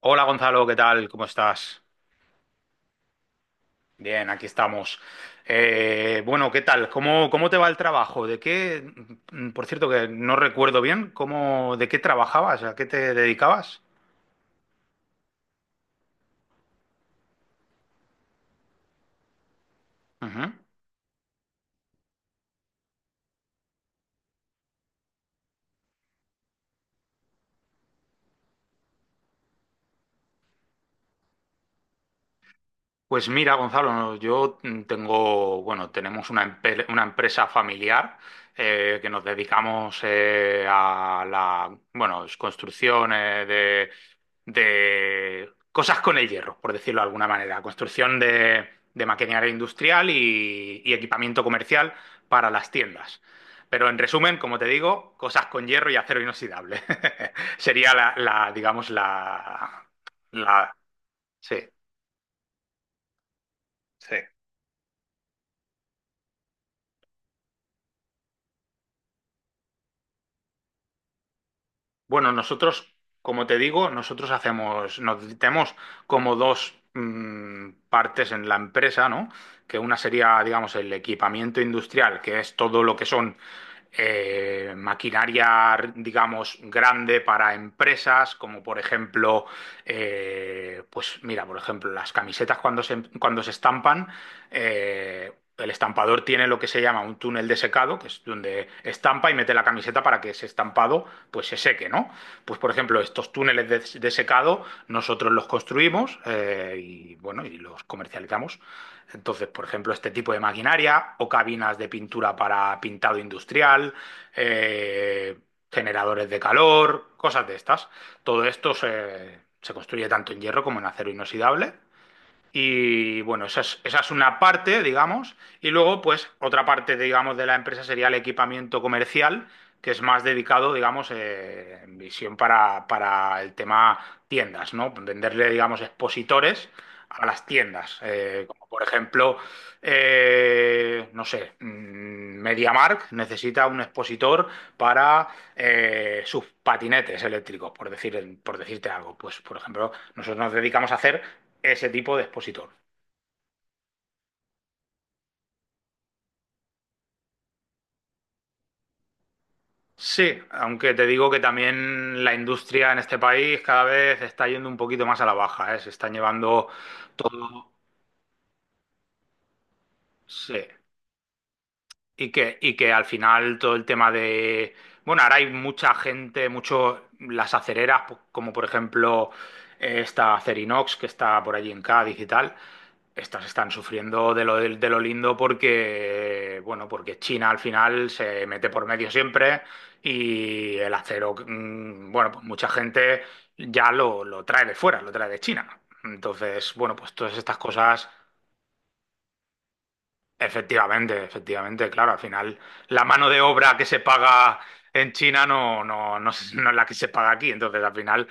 Hola Gonzalo, ¿qué tal? ¿Cómo estás? Bien, aquí estamos. Bueno, ¿qué tal? ¿Cómo te va el trabajo? ¿De qué? Por cierto, que no recuerdo bien, ¿cómo, de qué trabajabas? ¿A qué te dedicabas? Ujú. Pues mira, Gonzalo, no, yo tengo, bueno, tenemos una, una empresa familiar que nos dedicamos a la, bueno, es construcción de cosas con el hierro, por decirlo de alguna manera, construcción de maquinaria industrial y equipamiento comercial para las tiendas. Pero en resumen, como te digo, cosas con hierro y acero inoxidable. Sería la, la, digamos, la, sí. Sí. Bueno, nosotros, como te digo, nosotros hacemos, nos tenemos como dos partes en la empresa, ¿no? Que una sería, digamos, el equipamiento industrial, que es todo lo que son maquinaria, digamos, grande para empresas, como por ejemplo, pues mira, por ejemplo, las camisetas cuando se estampan eh, el estampador tiene lo que se llama un túnel de secado, que es donde estampa y mete la camiseta para que ese estampado pues se seque, ¿no? Pues por ejemplo, estos túneles de secado nosotros los construimos y bueno, y los comercializamos. Entonces, por ejemplo, este tipo de maquinaria o cabinas de pintura para pintado industrial, eh, generadores de calor, cosas de estas. Todo esto se, se construye tanto en hierro como en acero inoxidable y bueno, esa es una parte, digamos, y luego pues otra parte, digamos, de la empresa sería el equipamiento comercial, que es más dedicado, digamos, en visión para el tema tiendas, ¿no? Venderle, digamos, expositores a las tiendas, como por ejemplo, no sé, MediaMarkt necesita un expositor para sus patinetes eléctricos, por decir, por decirte algo. Pues, por ejemplo, nosotros nos dedicamos a hacer ese tipo de expositor. Sí, aunque te digo que también la industria en este país cada vez está yendo un poquito más a la baja, ¿eh? Se están llevando, sí, y que, y que al final todo el tema de... Bueno, ahora hay mucha gente, mucho las acereras, como por ejemplo esta Acerinox que está por allí en Cádiz y tal, estas están sufriendo de lo lindo porque, bueno, porque China al final se mete por medio siempre y el acero, bueno, pues mucha gente ya lo trae de fuera, lo trae de China. Entonces, bueno, pues todas estas cosas. Efectivamente, efectivamente, claro, al final la mano de obra que se paga en China es no es la que se paga aquí, entonces al final,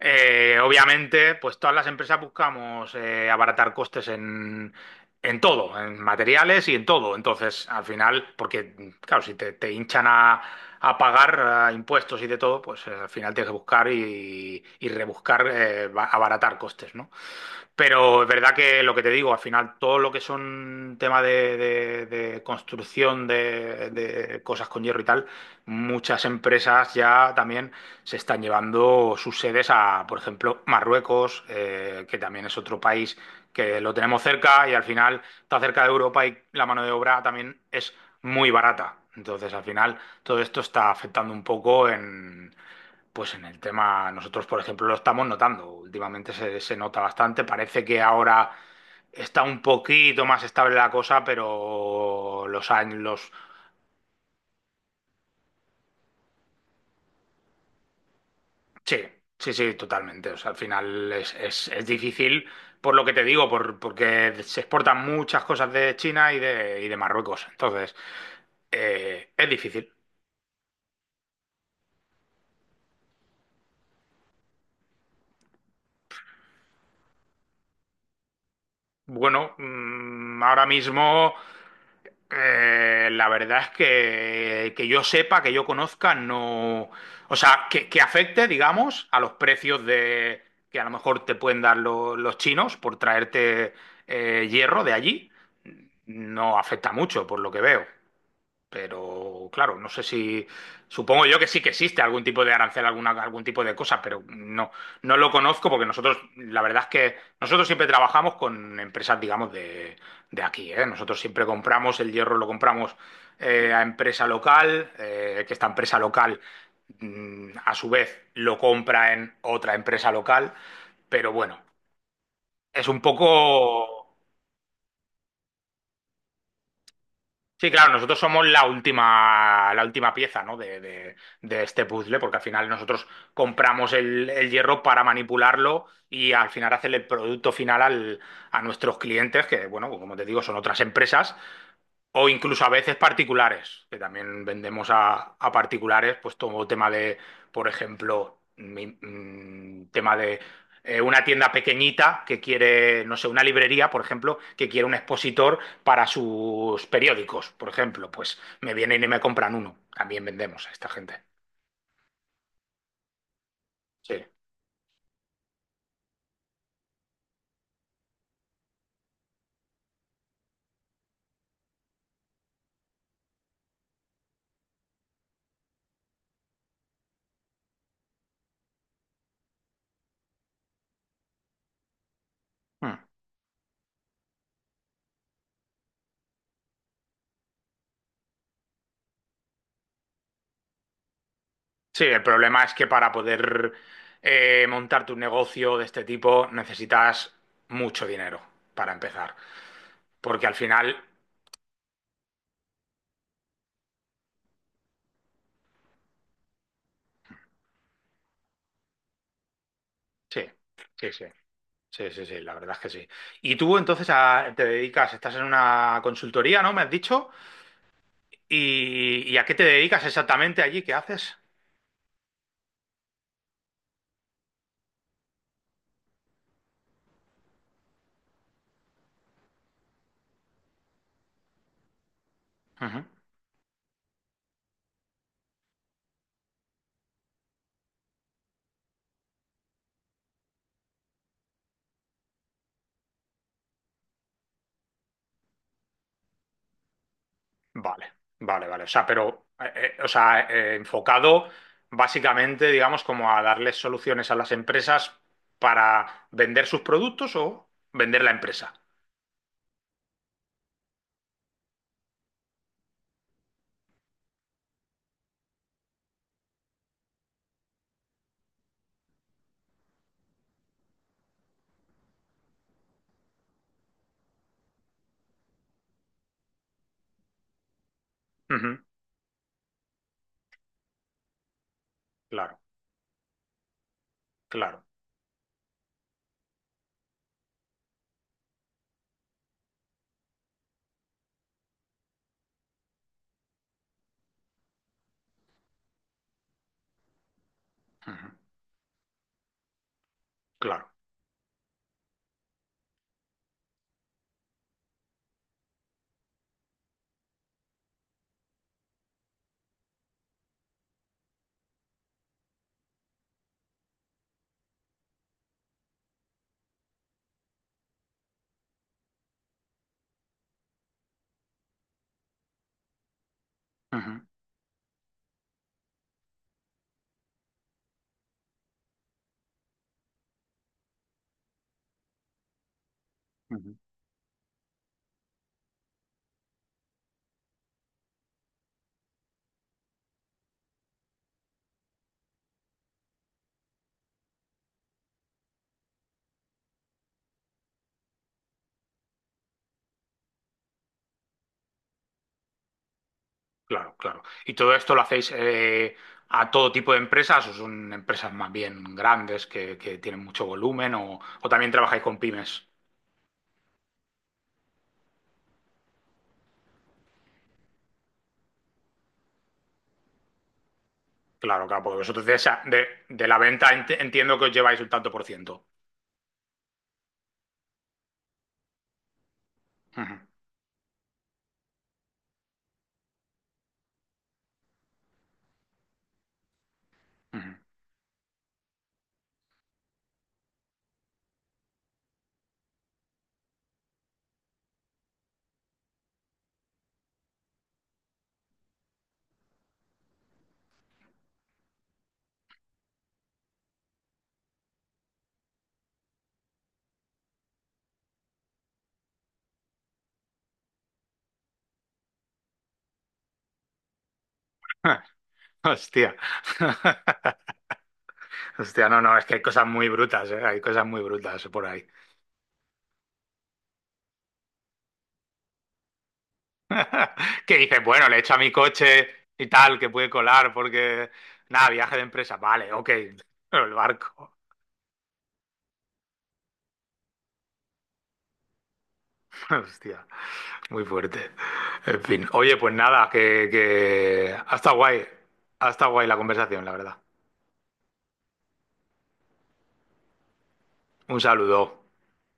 obviamente, pues todas las empresas buscamos abaratar costes en todo, en materiales y en todo, entonces al final, porque claro, si te, te hinchan a pagar impuestos y de todo, pues al final tienes que buscar y rebuscar, abaratar costes, ¿no? Pero es verdad que lo que te digo, al final todo lo que son temas de, de construcción de cosas con hierro y tal, muchas empresas ya también se están llevando sus sedes a, por ejemplo, Marruecos, que también es otro país que lo tenemos cerca y al final está cerca de Europa y la mano de obra también es muy barata. Entonces, al final, todo esto está afectando un poco pues en el tema, nosotros, por ejemplo, lo estamos notando. Últimamente se, se nota bastante. Parece que ahora está un poquito más estable la cosa, pero los años, los... Sí, sí, sí, totalmente. O sea, al final es, es difícil, por lo que te digo, por, porque se exportan muchas cosas de China y de Marruecos. Entonces, es difícil. Bueno, ahora mismo la verdad es que yo sepa, que yo conozca, no. O sea, que afecte, digamos, a los precios de que a lo mejor te pueden dar los chinos por traerte hierro de allí, no afecta mucho, por lo que veo. Pero claro, no sé si, supongo yo que sí que existe algún tipo de arancel, alguna, algún tipo de cosa, pero no, no lo conozco porque nosotros, la verdad es que nosotros siempre trabajamos con empresas, digamos, de aquí, ¿eh? Nosotros siempre compramos el hierro, lo compramos a empresa local, que esta empresa local, a su vez, lo compra en otra empresa local, pero bueno, es un poco... Sí, claro, nosotros somos la última pieza, ¿no? de, de este puzzle, porque al final nosotros compramos el hierro para manipularlo y al final hacer el producto final a nuestros clientes, que, bueno, pues como te digo, son otras empresas o incluso a veces particulares, que también vendemos a particulares, pues todo tema de, por ejemplo, tema de una tienda pequeñita que quiere, no sé, una librería, por ejemplo, que quiere un expositor para sus periódicos, por ejemplo, pues me vienen y me compran uno. También vendemos a esta gente. Sí. Mm. Sí, el problema es que para poder montar tu negocio de este tipo necesitas mucho dinero para empezar. Porque al final sí, sí, sí, sí, la verdad es que sí. Y tú entonces te dedicas, estás en una consultoría, ¿no? Me has dicho. Y a qué te dedicas exactamente allí? ¿Qué haces? Ujú. Vale, vale, vale. O sea, pero, o sea, enfocado básicamente, digamos, como a darles soluciones a las empresas para vender sus productos o vender la empresa. Ujú. Claro, claro. Ujú. Claro. Ujú. Ujú. Claro, claro. ¿Y todo esto lo hacéis a todo tipo de empresas o son empresas más bien grandes que tienen mucho volumen o también trabajáis con pymes? Claro, claro, porque vosotros de, de la venta entiendo que os lleváis un tanto por ciento. Ujú, ujú. Hostia. Hostia, no, no, es que hay cosas muy brutas, ¿eh? Hay cosas muy brutas por ahí. Que dices, bueno, le echo a mi coche y tal, que puede colar porque, nada, viaje de empresa, vale, ok, pero el barco. Hostia. Muy fuerte. En fin. Oye, pues nada, que... Hasta guay. Hasta guay la conversación, la verdad. Un saludo.